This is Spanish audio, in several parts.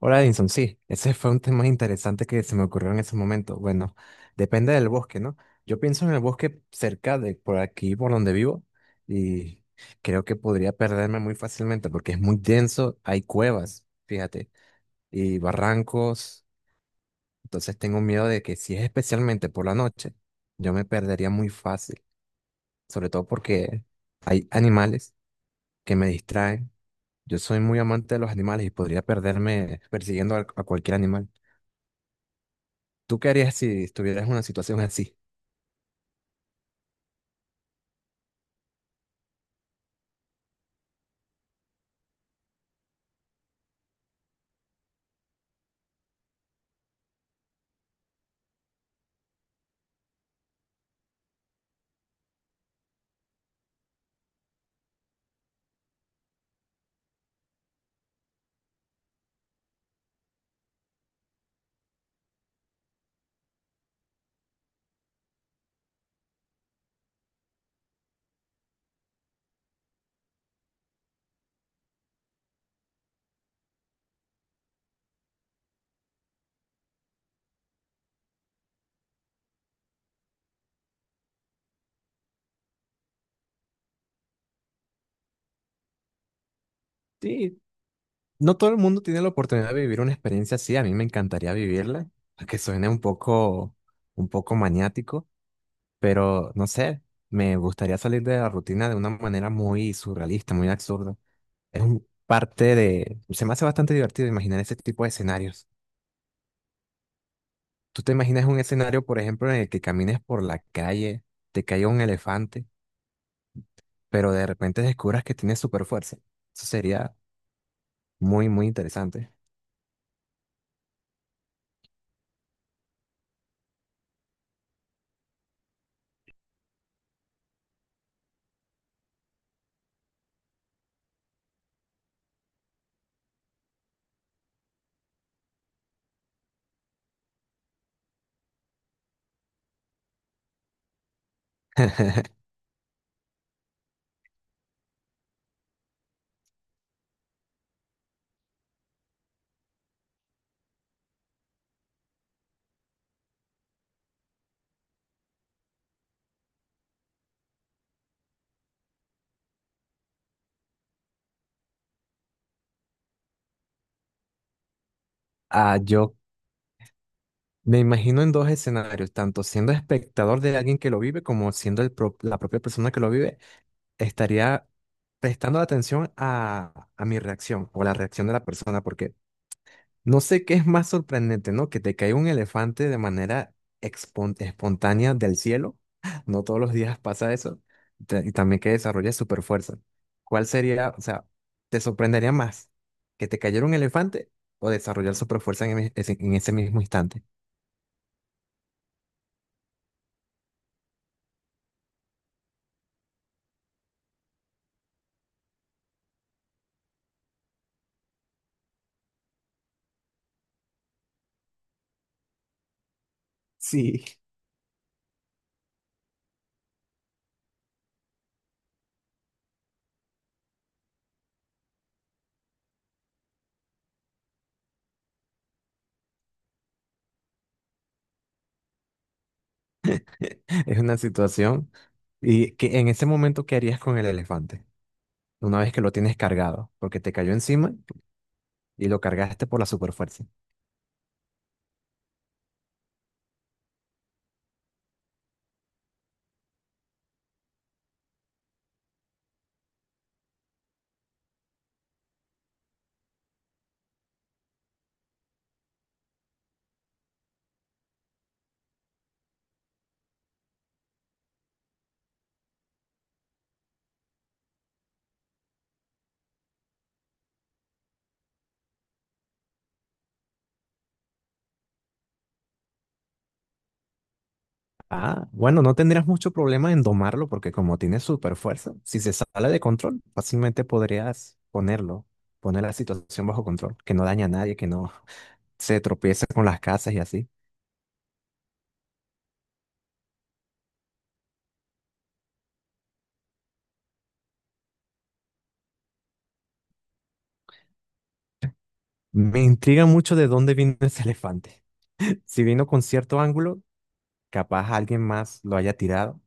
Hola, Edinson. Sí, ese fue un tema interesante que se me ocurrió en ese momento. Bueno, depende del bosque, ¿no? Yo pienso en el bosque cerca de por aquí, por donde vivo, y creo que podría perderme muy fácilmente porque es muy denso, hay cuevas, fíjate, y barrancos. Entonces tengo miedo de que si es especialmente por la noche, yo me perdería muy fácil, sobre todo porque hay animales que me distraen. Yo soy muy amante de los animales y podría perderme persiguiendo a cualquier animal. ¿Tú qué harías si estuvieras en una situación así? Sí, no todo el mundo tiene la oportunidad de vivir una experiencia así. A mí me encantaría vivirla, aunque suene un poco maniático, pero no sé, me gustaría salir de la rutina de una manera muy surrealista, muy absurda. Es un parte de... Se me hace bastante divertido imaginar ese tipo de escenarios. ¿Tú te imaginas un escenario, por ejemplo, en el que camines por la calle, te caiga un elefante, pero de repente descubras que tienes super fuerza? Eso sería muy, muy interesante. Ah, yo me imagino en dos escenarios, tanto siendo espectador de alguien que lo vive como siendo la propia persona que lo vive, estaría prestando atención a mi reacción o la reacción de la persona, porque no sé qué es más sorprendente, ¿no? Que te caiga un elefante de manera espontánea del cielo. No todos los días pasa eso. Y también que desarrolle super fuerza. ¿Cuál sería, o sea, te sorprendería más que te cayera un elefante o desarrollar super fuerza en ese mismo instante? Sí, es una situación. ¿Y que en ese momento qué harías con el elefante? Una vez que lo tienes cargado, porque te cayó encima y lo cargaste por la superfuerza. Ah, bueno, no tendrías mucho problema en domarlo porque como tiene superfuerza, si se sale de control, fácilmente podrías ponerlo, poner la situación bajo control, que no daña a nadie, que no se tropiece con las casas y así. Me intriga mucho de dónde vino ese elefante. Si vino con cierto ángulo, capaz alguien más lo haya tirado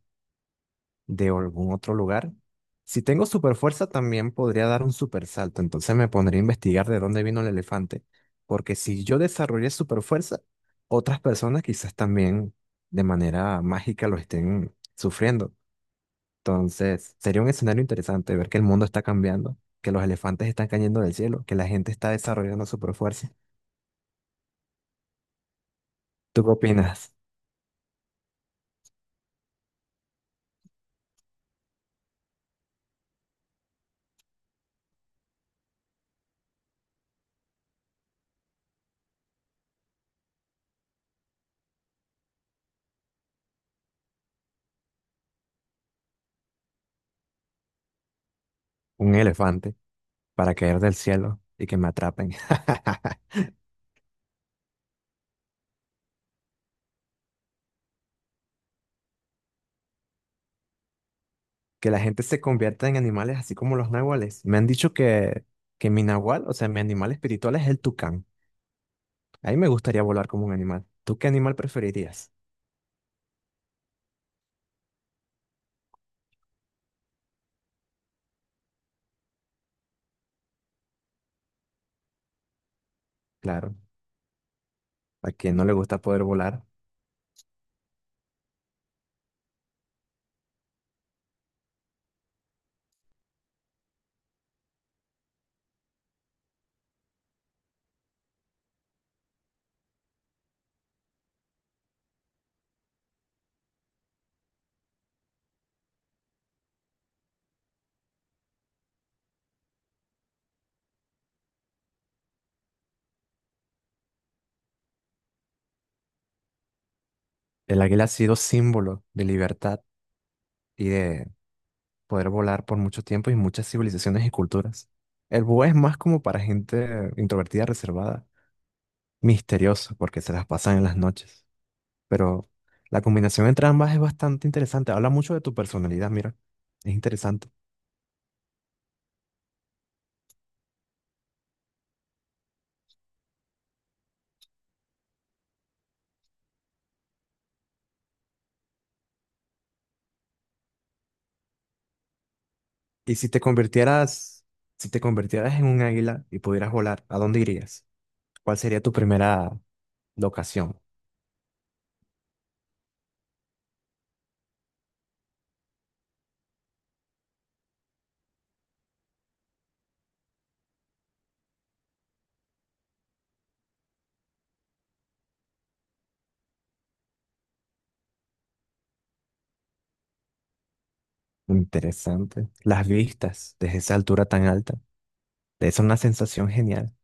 de algún otro lugar. Si tengo super fuerza, también podría dar un super salto. Entonces me pondría a investigar de dónde vino el elefante. Porque si yo desarrollé super fuerza, otras personas quizás también de manera mágica lo estén sufriendo. Entonces sería un escenario interesante ver que el mundo está cambiando, que los elefantes están cayendo del cielo, que la gente está desarrollando super fuerza. ¿Tú qué opinas? Un elefante para caer del cielo y que me atrapen. Que la gente se convierta en animales así como los nahuales. Me han dicho que mi nahual, o sea, mi animal espiritual es el tucán. A mí me gustaría volar como un animal. ¿Tú qué animal preferirías? Claro, a quien no le gusta poder volar. El águila ha sido símbolo de libertad y de poder volar por mucho tiempo y muchas civilizaciones y culturas. El búho es más como para gente introvertida, reservada, misteriosa, porque se las pasan en las noches. Pero la combinación entre ambas es bastante interesante. Habla mucho de tu personalidad, mira. Es interesante. Y si te convirtieras en un águila y pudieras volar, ¿a dónde irías? ¿Cuál sería tu primera locación? Interesante. Las vistas desde esa altura tan alta. Es una sensación genial.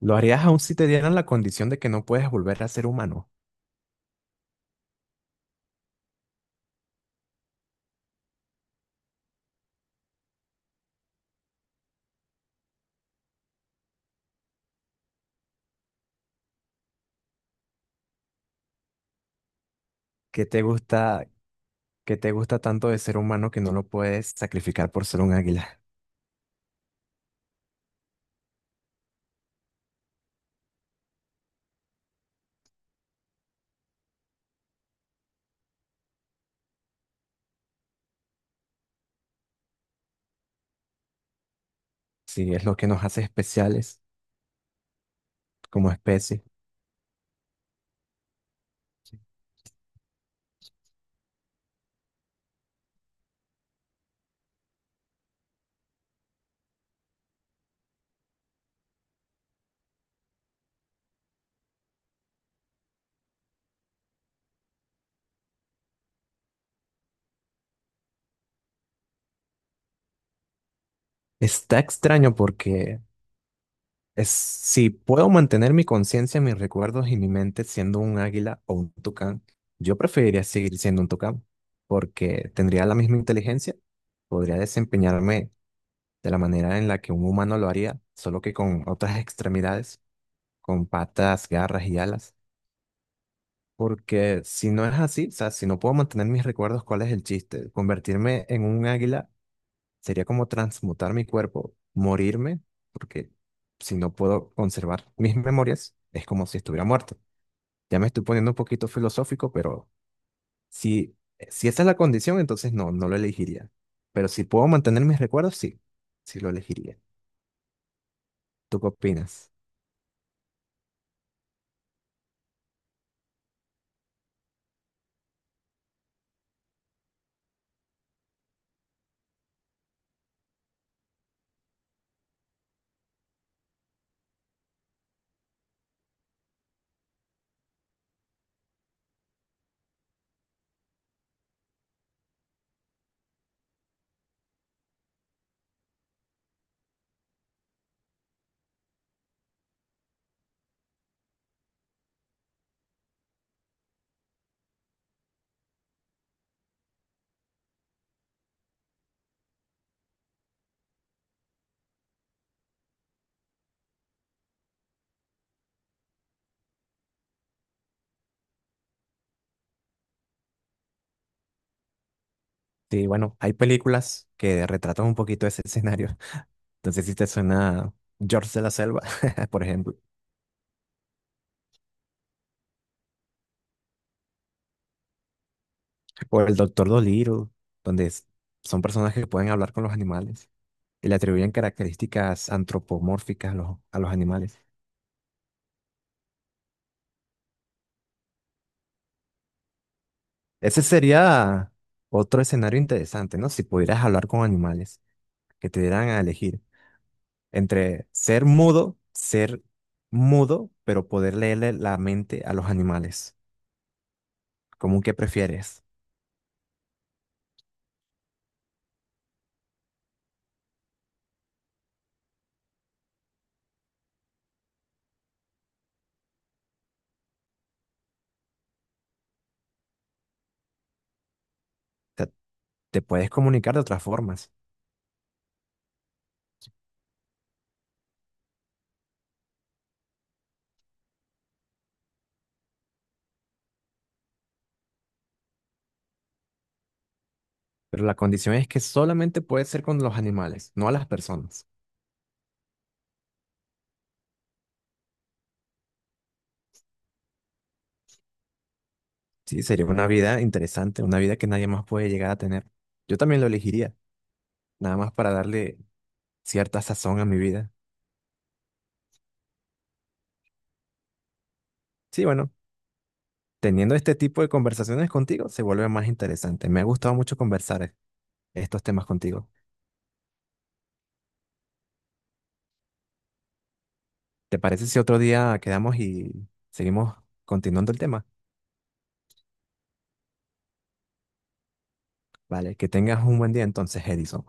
¿Lo harías aún si te dieran la condición de que no puedes volver a ser humano? ¿Qué te gusta, qué te gusta tanto de ser humano que no lo puedes sacrificar por ser un águila? Sí, es lo que nos hace especiales como especie. Está extraño porque es, si puedo mantener mi conciencia, mis recuerdos y mi mente siendo un águila o un tucán, yo preferiría seguir siendo un tucán porque tendría la misma inteligencia, podría desempeñarme de la manera en la que un humano lo haría, solo que con otras extremidades, con patas, garras y alas. Porque si no es así, o sea, si no puedo mantener mis recuerdos, ¿cuál es el chiste? Convertirme en un águila sería como transmutar mi cuerpo, morirme, porque si no puedo conservar mis memorias, es como si estuviera muerto. Ya me estoy poniendo un poquito filosófico, pero si, si esa es la condición, entonces no, no lo elegiría. Pero si puedo mantener mis recuerdos, sí, sí lo elegiría. ¿Tú qué opinas? Sí, bueno, hay películas que retratan un poquito ese escenario. Entonces, si te suena George de la Selva, por ejemplo. O el Doctor Dolittle, donde son personas que pueden hablar con los animales y le atribuyen características antropomórficas a a los animales. Ese sería otro escenario interesante, ¿no? Si pudieras hablar con animales, que te dieran a elegir entre ser mudo, pero poder leerle la mente a los animales. ¿Cómo que prefieres? O sea, te puedes comunicar de otras formas, pero la condición es que solamente puedes ser con los animales, no a las personas. Sí, sería una vida interesante, una vida que nadie más puede llegar a tener. Yo también lo elegiría, nada más para darle cierta sazón a mi vida. Sí, bueno, teniendo este tipo de conversaciones contigo se vuelve más interesante. Me ha gustado mucho conversar estos temas contigo. ¿Te parece si otro día quedamos y seguimos continuando el tema? Vale, que tengas un buen día entonces, Edison.